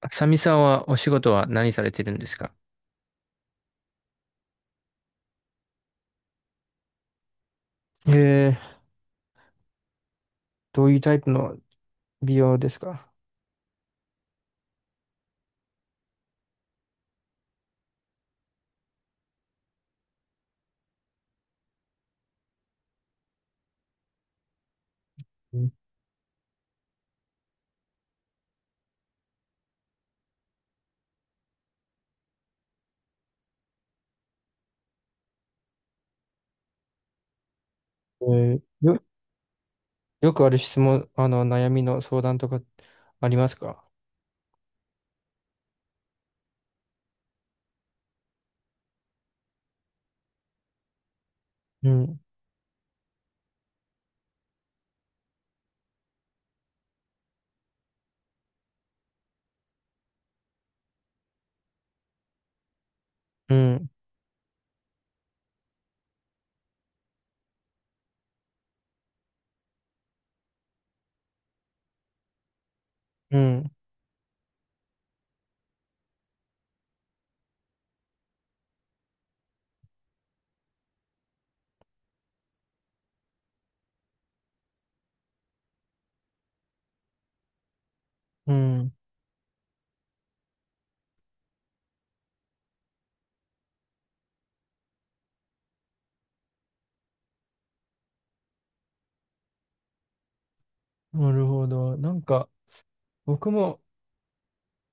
あさみさんはお仕事は何されてるんですか？えー、どういうタイプの美容ですか？うん。えー、よ、よくある質問、悩みの相談とかありますか？うん、うん、うん、うん。なるほど。なんか、僕も、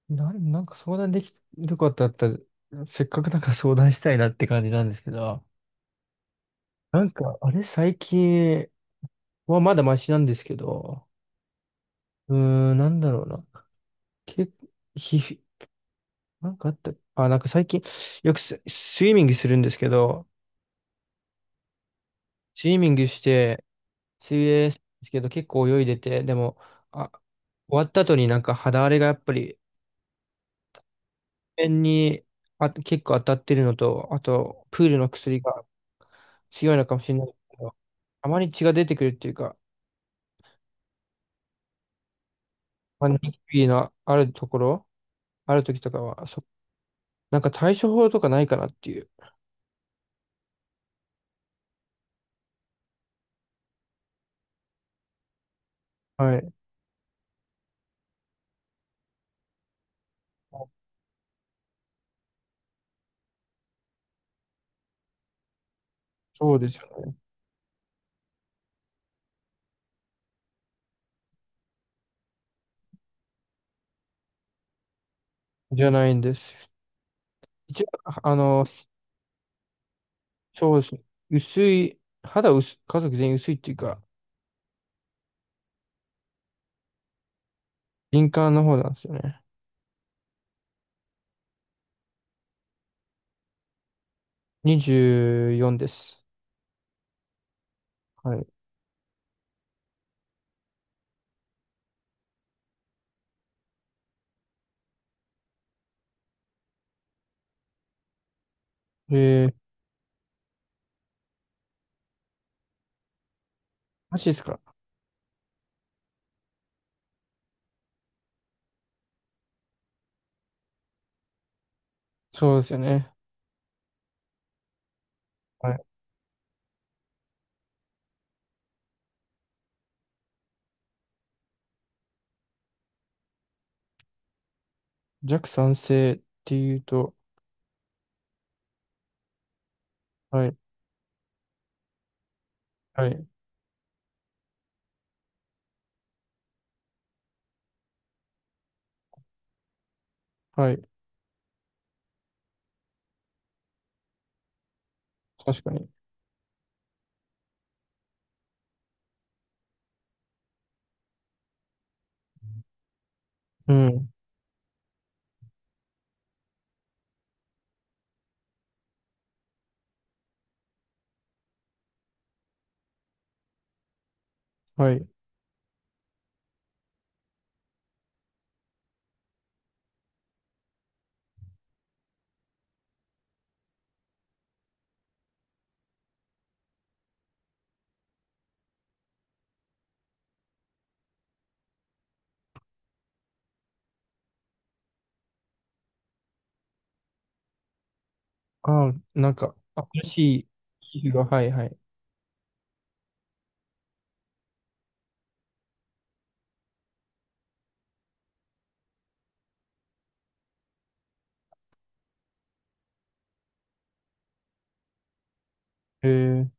なんか相談できることあったら、せっかくだから相談したいなって感じなんですけど、なんか、あれ、最近はまだマシなんですけど、うーん、なんだろうな。け、皮膚なんかあった、あ、なんか最近、よくス、スイミングするんですけど、スイミングして、水泳するんですけど結構泳いでて、でも、あ、終わった後になんか肌荒れがやっぱり、面に結構当たってるのと、あと、プールの薬が強いのかもしれないけど、たまに血が出てくるっていうか、まあ、ニキビのあるところ、ある時とかは、なんか対処法とかないかなっていう。はい。そうですよね。じゃないんです。一応、あの、そうですね。薄い、肌薄、家族全員薄いっていうか、敏感の方なんですよね。24です。はい。えー、マジですか？そうですよね。はい。弱酸性っていうと、はい、はい、はい。確かに。うん、はい。ああ、なんか、新しい皮膚が、はい、はい。えー、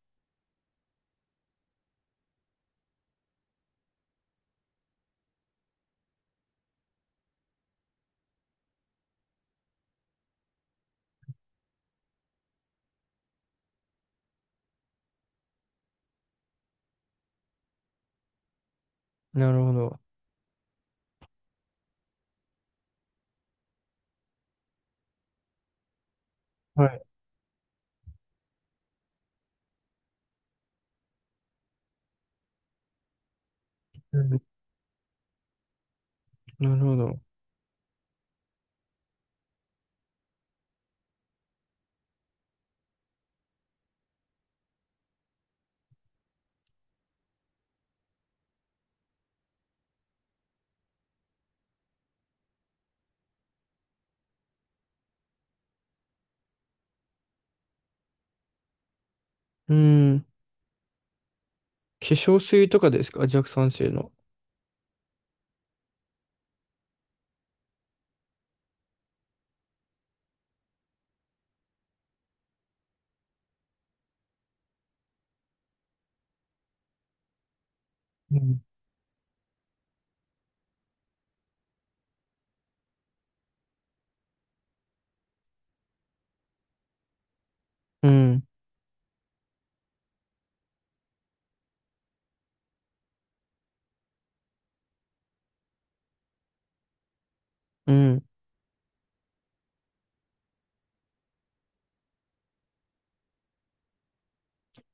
なるほど。はい。うん、なるほど。うん。化粧水とかですか？弱酸性の。うん。うん。うん。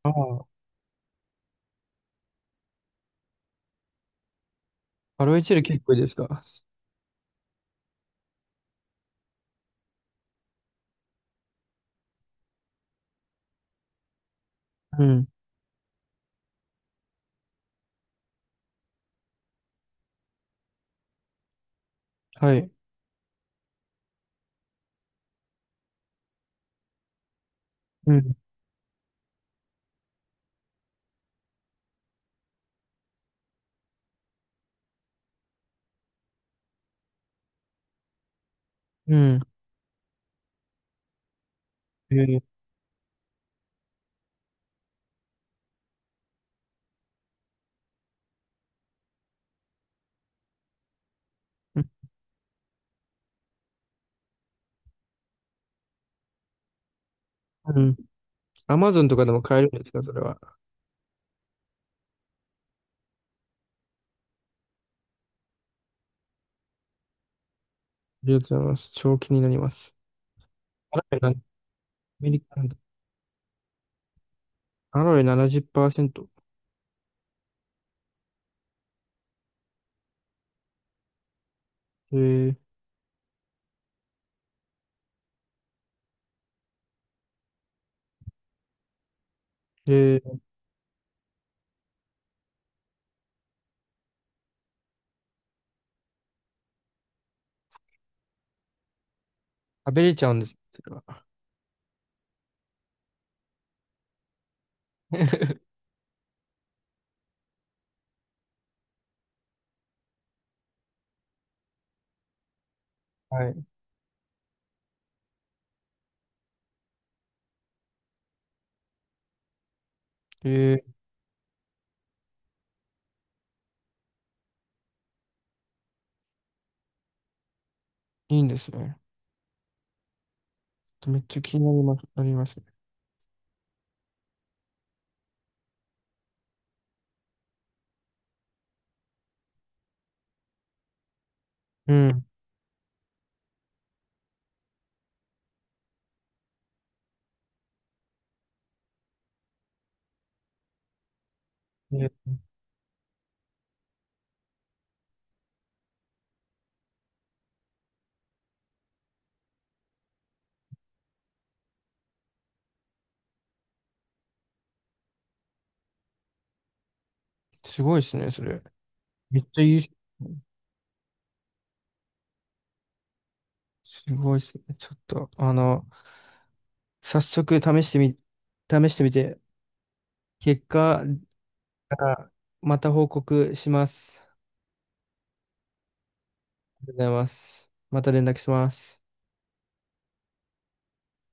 ああ、アロエチェル結構いいですか？うん。はい。うん。うん。えー、うん。アマゾンとかでも買えるんですか、それは。ありがとうございます。超気になります。アロエな、アメリカンドアロエ70%。えー、えー、食べれちゃうんです、それは。はい。えー、いいんですね。めっちゃ気になります、なりますね。うん。えー、すごいですね、それ。めっちゃいいっすね。すごいですね。ちょっと、あの、早速試してみ、試してみて、結果、あまた報告します。りがとうございます。また連絡します。